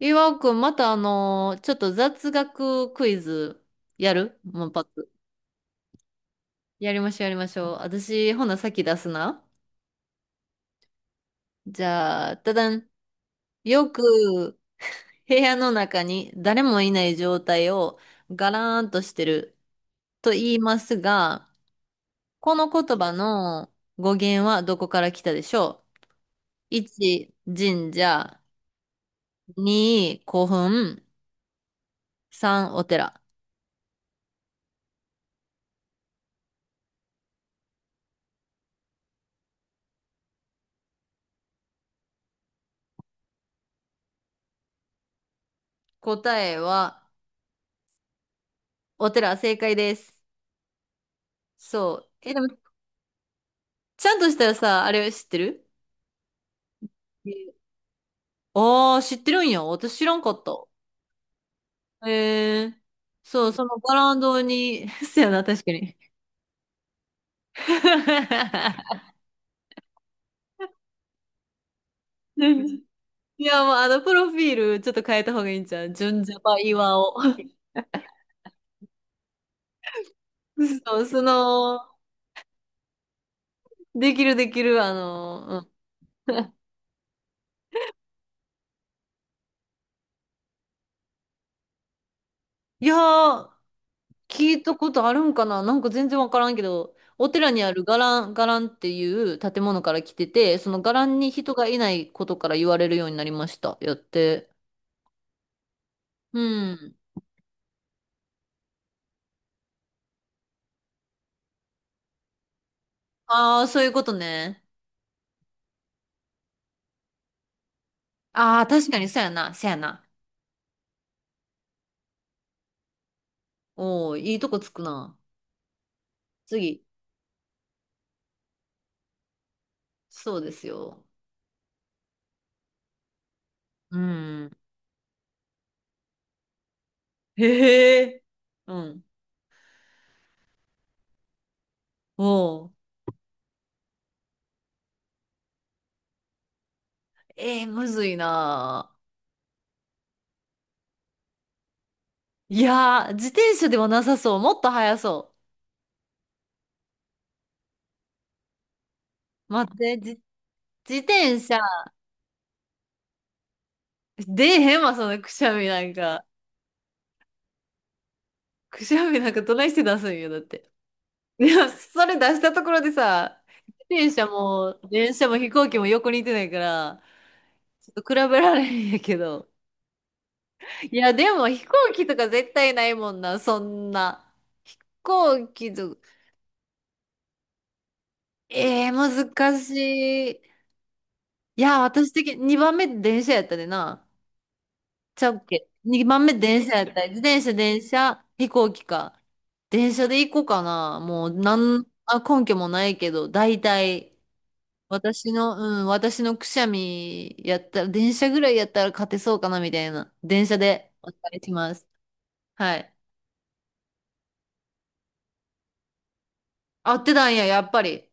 岩尾くん、またちょっと雑学クイズやるもうパッと。やりましょう、やりましょう。私、ほな、先出すな。じゃあ、ただん。よく、部屋の中に誰もいない状態をガラーンとしてると言いますが、この言葉の語源はどこから来たでしょう？ 1、神社。2、古墳。3、お寺。答えは、お寺、正解です。そう。え、でもちゃんとしたらさ、あれ知ってる？ああー、知ってるんや。私知らんかった。へえ。そう、そのバランドに、そうやな、確かに。いや、もうプロフィールちょっと変えた方がいいんじゃん。純ジャパ岩尾。そう、その、できるできる、うん。いやー、聞いたことあるんかな、なんか全然わからんけど、お寺にある伽藍っていう建物から来てて、その伽藍に人がいないことから言われるようになりました、やって。うん。ああ、そういうことね。ああ、確かにそうやな、そうやな。おお、いいとこつくな。次。そうですよ。うん。へえ。うん。おお。えー、むずいな。いやー、自転車ではなさそう。もっと速そう。待って、自転車。出えへんわ、そのくしゃみなんか。くしゃみなんかどないして出すんよ、だって。いや、それ出したところでさ、自転車も、電車も飛行機も横にいてないから、ちょっと比べられへんやけど。いや、でも飛行機とか絶対ないもんな、そんな。飛行機と、えー、難しい。いや、私的に2番目電車やったでな。ちゃうっけ？ 2 番目電車やった。自転車、電車、飛行機か。電車で行こうかな。もう、あ、根拠もないけど、大体、うん、私のくしゃみやったら、電車ぐらいやったら勝てそうかな、みたいな。電車でお願いします。はい。合ってたんや、やっぱり。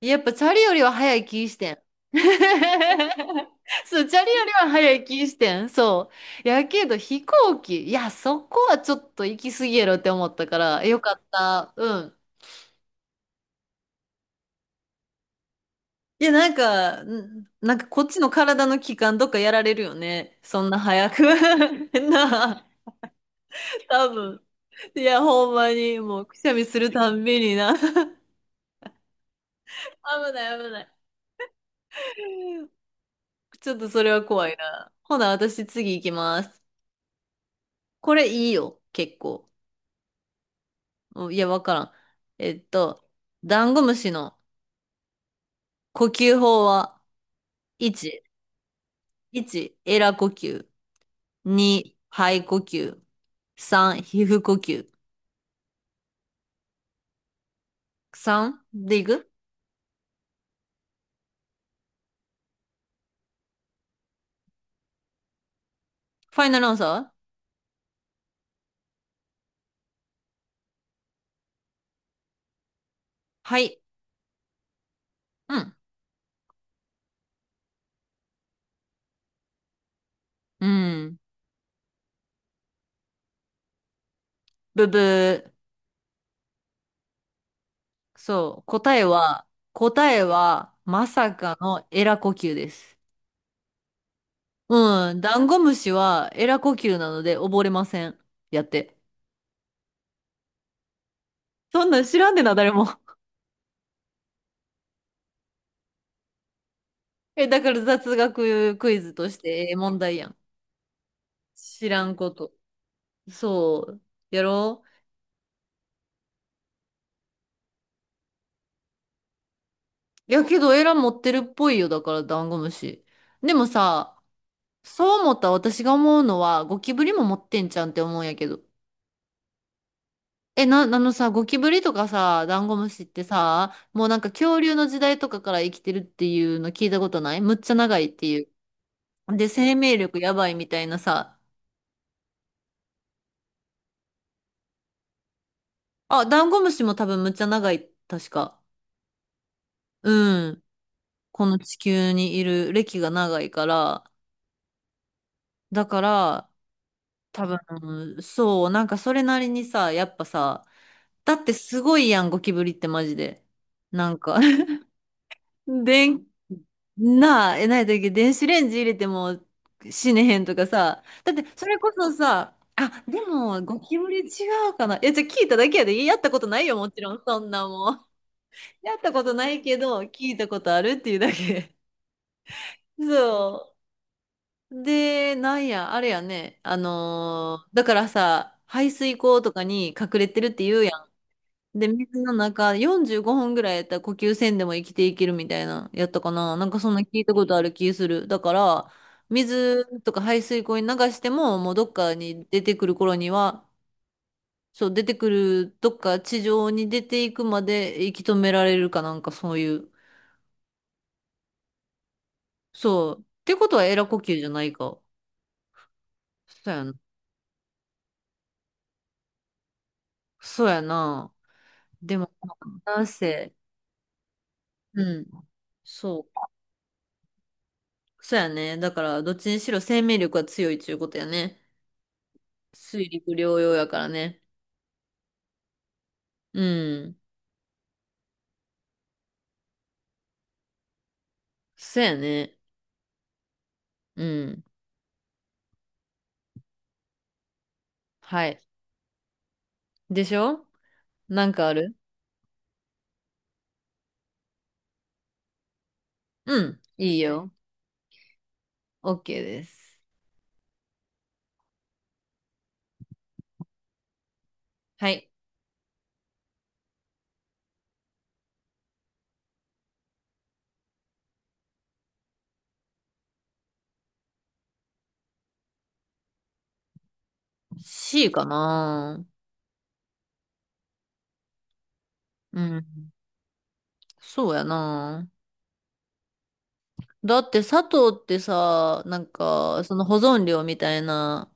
やっぱチャリよりは早い気してん。そう、チャリよりは早い気してん。そう。やけど飛行機、いや、そこはちょっと行き過ぎやろって思ったから、よかった。うん。いや、なんか、なんかこっちの体の器官どっかやられるよね。そんな早く。なあ、多分。いや、ほんまに、もうくしゃみするたんびにな。危ない、危ない。ちょっとそれは怖いな。ほな、私次行きます。これいいよ、結構。うん、いや、わからん。えっと、ダンゴムシの呼吸法は、1、1、エラ呼吸。2、肺呼吸。3、皮膚呼吸。3でいく。ファイナルアンサー？はい。うん。うん。ブブー。そう。答えは、まさかのエラ呼吸です。うん。ダンゴムシはエラ呼吸なので溺れません、やって。そんなん知らんでな、誰も。え、だから雑学クイズとしてええ問題やん。知らんこと。そう。やろう？いやけど、エラ持ってるっぽいよ、だから、ダンゴムシ。でもさ、そう思った私が思うのは、ゴキブリも持ってんじゃんって思うんやけど。あのさ、ゴキブリとかさ、ダンゴムシってさ、もうなんか恐竜の時代とかから生きてるっていうの聞いたことない？むっちゃ長いっていう。で、生命力やばいみたいなさ。あ、ダンゴムシも多分むっちゃ長い、確か。うん。この地球にいる歴が長いから、だから、多分、そう、なんかそれなりにさ、やっぱさ、だってすごいやん、ゴキブリってマジで。なんか でん、なあ、え、ないだっけ、電子レンジ入れても死ねへんとかさ、だってそれこそさ、あ、でも、ゴキブリ違うかな。いや、じゃあ聞いただけやで、やったことないよ、もちろん、そんなもん。やったことないけど、聞いたことあるっていうだけ。そう。で、なんや、あれやね。だからさ、排水溝とかに隠れてるって言うやん。で、水の中45分ぐらいやったら呼吸せんでも生きていけるみたいな、やったかな。なんかそんな聞いたことある気する。だから、水とか排水溝に流しても、もうどっかに出てくる頃には、そう、出てくる、どっか地上に出ていくまで息止められるかなんかそういう。そう。ってことはエラ呼吸じゃないか。そうやな。そうやな。でも、なんせ、うん、そう。そうやね。だから、どっちにしろ生命力が強いちゅうことやね。水陸両用やからね。うん。そうやね。うん。はい。でしょ？なんかある？うん。いいよ。OK です。はい。C かな。うん。そうやな。だって砂糖ってさ、なんか、その保存料みたいな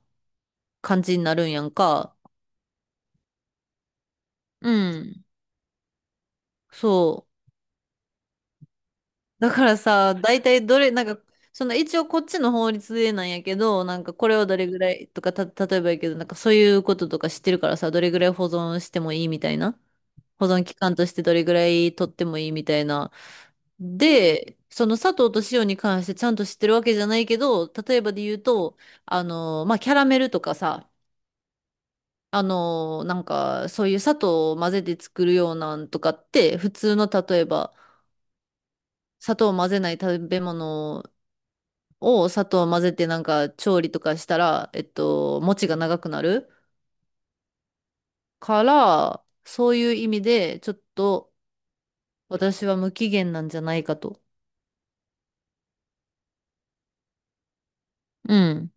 感じになるんやんか。うん。そう。だからさ、大体どれ、なんか、その一応こっちの法律でなんやけど、なんかこれをどれぐらいとか、例えばやけど、なんかそういうこととか知ってるからさ、どれぐらい保存してもいいみたいな。保存期間としてどれぐらい取ってもいいみたいな。で、その砂糖と塩に関してちゃんと知ってるわけじゃないけど、例えばで言うと、まあ、キャラメルとかさ、なんかそういう砂糖を混ぜて作るようなんとかって、普通の例えば、砂糖を混ぜない食べ物を砂糖を混ぜてなんか調理とかしたら、餅が長くなるから、そういう意味で、ちょっと私は無期限なんじゃないかと。うん。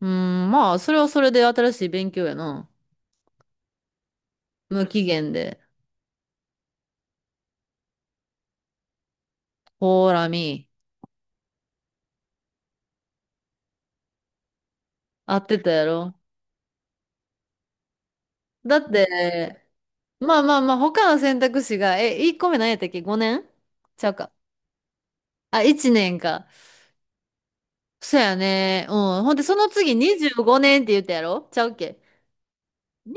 うん、まあ、それはそれで新しい勉強やな。無期限で。ほーらみ、合ってたやろ。だって、まあまあまあ、他の選択肢が、え、1個目何やったっけ？ 5 年ちゃうか。あ、1年か。そうやね。うん。ほんで、その次25年って言ったやろ？ちゃうっけに、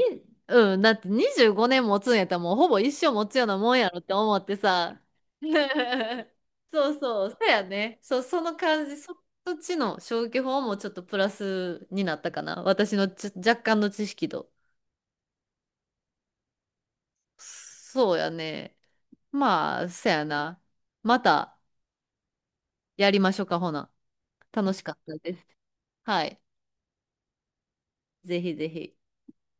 うん、だって25年持つんやったらもうほぼ一生持つようなもんやろって思ってさ。そうそう、そうやね。そう、その感じ、そっちの消去法もちょっとプラスになったかな。私のちょ若干の知識と。そうやね。まあ、そやな。またやりましょうか、ほな。楽しかったです。はい。ぜひぜひ。